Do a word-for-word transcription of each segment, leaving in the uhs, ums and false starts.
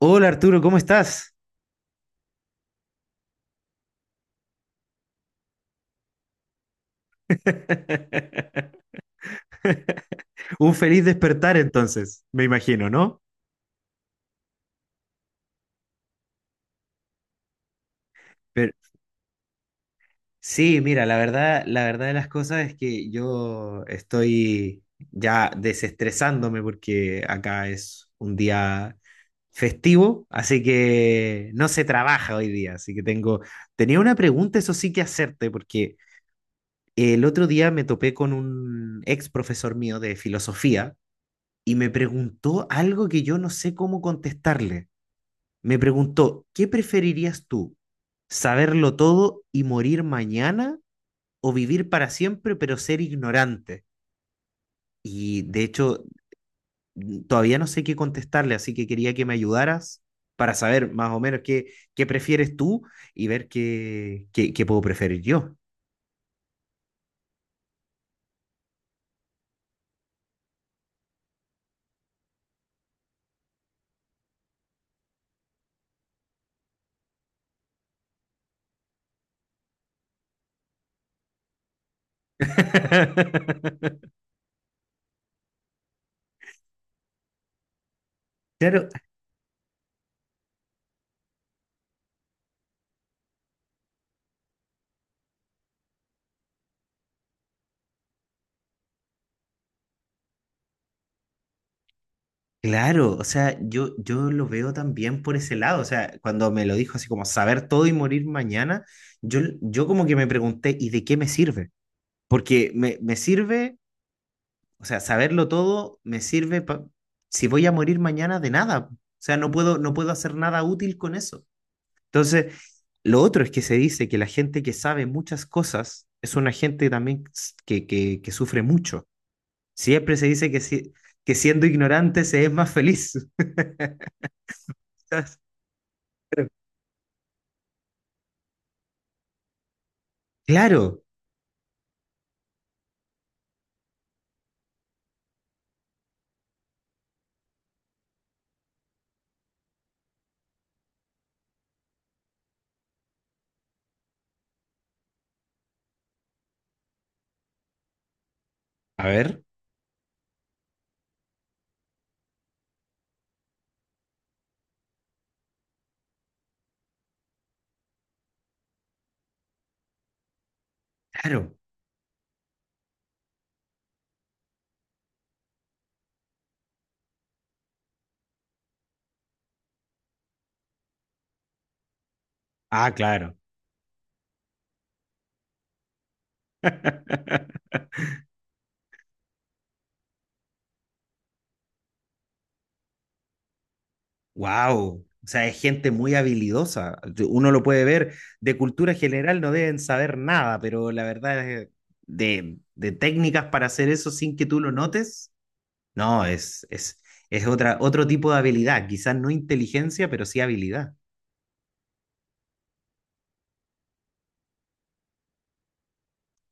Hola Arturo, ¿cómo estás? Un feliz despertar entonces, me imagino, ¿no? Pero, sí, mira, la verdad, la verdad de las cosas es que yo estoy ya desestresándome porque acá es un día festivo, así que no se trabaja hoy día, así que tengo, tenía una pregunta, eso sí que hacerte, porque el otro día me topé con un ex profesor mío de filosofía y me preguntó algo que yo no sé cómo contestarle. Me preguntó, ¿qué preferirías tú? ¿Saberlo todo y morir mañana o vivir para siempre pero ser ignorante? Y de hecho, n- todavía no sé qué contestarle, así que quería que me ayudaras para saber más o menos qué, qué prefieres tú y ver qué, qué, qué puedo preferir yo. Claro. Claro, o sea, yo, yo lo veo también por ese lado, o sea, cuando me lo dijo así como saber todo y morir mañana, yo, yo como que me pregunté, ¿y de qué me sirve? Porque me, me sirve, o sea, saberlo todo me sirve pa- si voy a morir mañana de nada, o sea, no puedo, no puedo hacer nada útil con eso. Entonces, lo otro es que se dice que la gente que sabe muchas cosas es una gente también que, que, que sufre mucho. Siempre se dice que, si- que siendo ignorante se es más feliz. Claro, a ver, claro. Ah, claro. Wow. O sea, es gente muy habilidosa. Uno lo puede ver. De cultura general no deben saber nada, pero la verdad es de, de técnicas para hacer eso sin que tú lo notes. No, es, es, es otra, otro tipo de habilidad. Quizás no inteligencia, pero sí habilidad.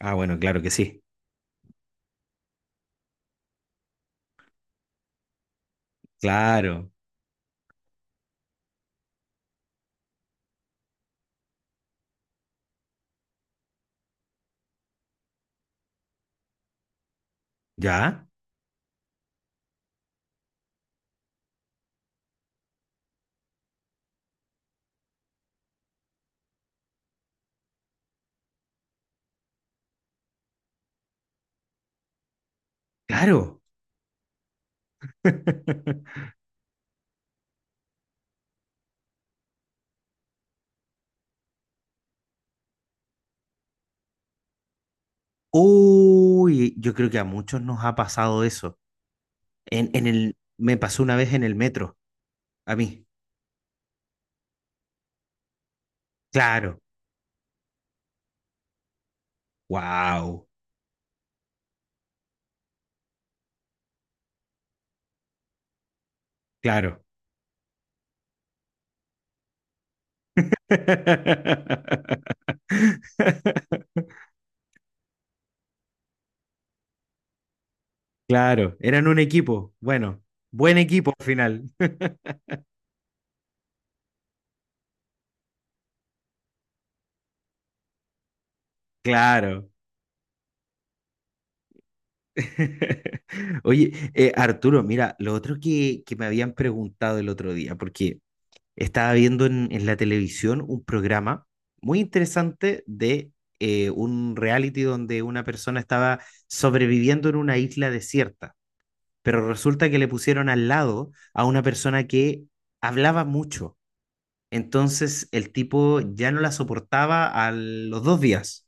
Ah, bueno, claro que sí. Claro. ¿Ya? Claro. Uy, yo creo que a muchos nos ha pasado eso. En, en el, me pasó una vez en el metro, a mí. Claro, wow, claro. Claro, eran un equipo. Bueno, buen equipo al final. Claro. Oye, eh, Arturo, mira, lo otro que, que me habían preguntado el otro día, porque estaba viendo en, en la televisión un programa muy interesante de eh, un reality donde una persona estaba sobreviviendo en una isla desierta. Pero resulta que le pusieron al lado a una persona que hablaba mucho. Entonces el tipo ya no la soportaba a los dos días.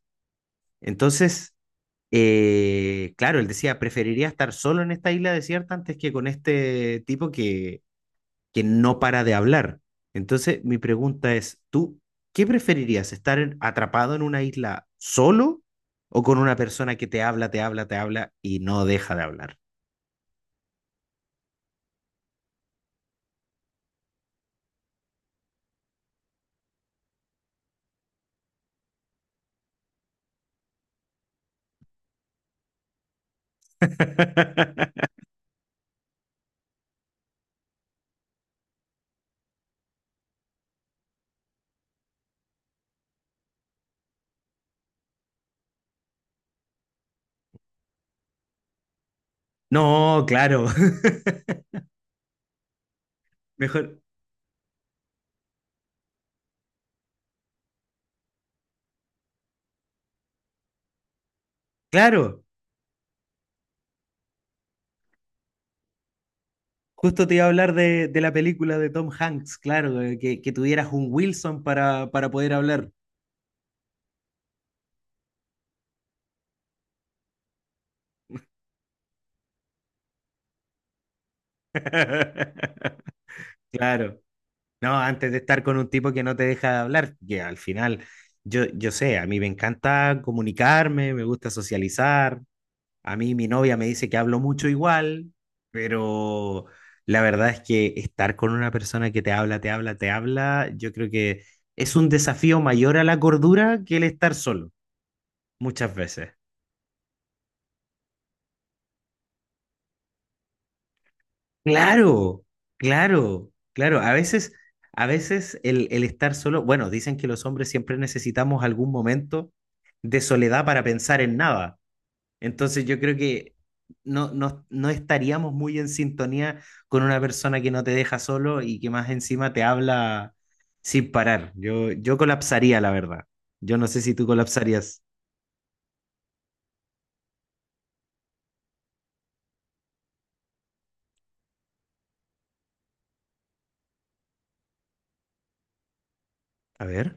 Entonces, eh, claro, él decía, preferiría estar solo en esta isla desierta antes que con este tipo que, que no para de hablar. Entonces, mi pregunta es, ¿tú qué preferirías? ¿Estar en- atrapado en una isla solo o con una persona que te habla, te habla, te habla y no deja de hablar? No, claro. Mejor, claro, justo te iba a hablar de, de la película de Tom Hanks, claro, eh, que, que tuvieras un Wilson para, para poder hablar. Claro, no, antes de estar con un tipo que no te deja de hablar, que al final, yo, yo sé, a mí me encanta comunicarme, me gusta socializar, a mí mi novia me dice que hablo mucho igual, pero la verdad es que estar con una persona que te habla, te habla, te habla, yo creo que es un desafío mayor a la cordura que el estar solo. Muchas veces. Claro, claro, claro. A veces, a veces el, el estar solo, bueno, dicen que los hombres siempre necesitamos algún momento de soledad para pensar en nada. Entonces yo creo que no, no, no estaríamos muy en sintonía con una persona que no te deja solo y que más encima te habla sin parar. Yo, yo colapsaría, la verdad. Yo no sé si tú colapsarías. A ver.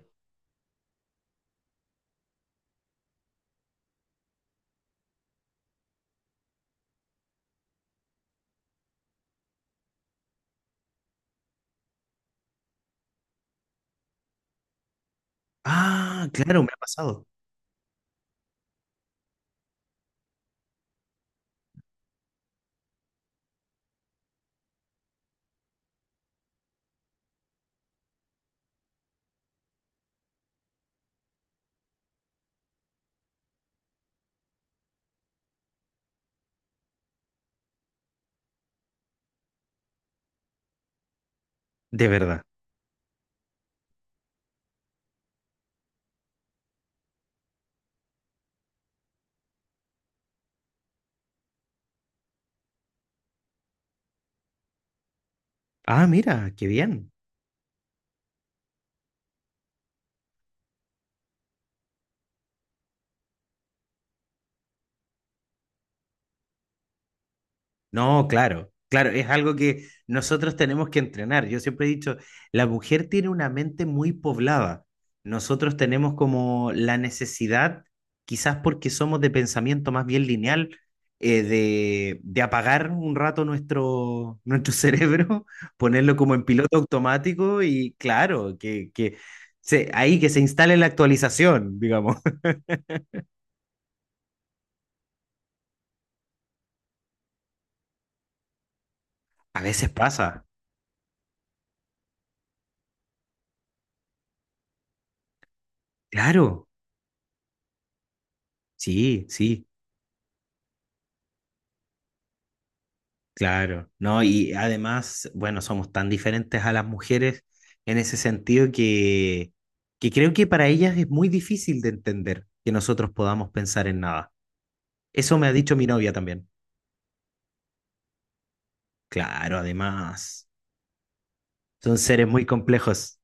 Ah, claro, me ha pasado. De verdad. Ah, mira, qué bien. No, claro, claro, es algo que nosotros tenemos que entrenar. Yo siempre he dicho, la mujer tiene una mente muy poblada. Nosotros tenemos como la necesidad, quizás porque somos de pensamiento más bien lineal, eh, de, de apagar un rato nuestro, nuestro cerebro, ponerlo como en piloto automático y claro, que, que se, ahí que se instale la actualización, digamos. A veces pasa, claro, sí, sí. Claro, ¿no? Y además, bueno, somos tan diferentes a las mujeres en ese sentido que, que creo que para ellas es muy difícil de entender que nosotros podamos pensar en nada. Eso me ha dicho mi novia también. Claro, además, son seres muy complejos.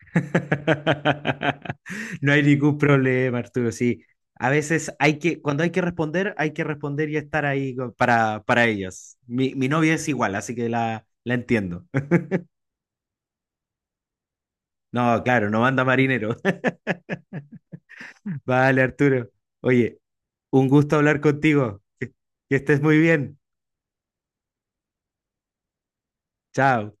No hay ningún problema, Arturo, sí. A veces hay que, cuando hay que responder, hay que responder y estar ahí co- para, para ellos. Mi, mi novia es igual, así que la, la entiendo. No, claro, no manda marinero. Vale, Arturo. Oye, un gusto hablar contigo. Que que estés muy bien. Chao.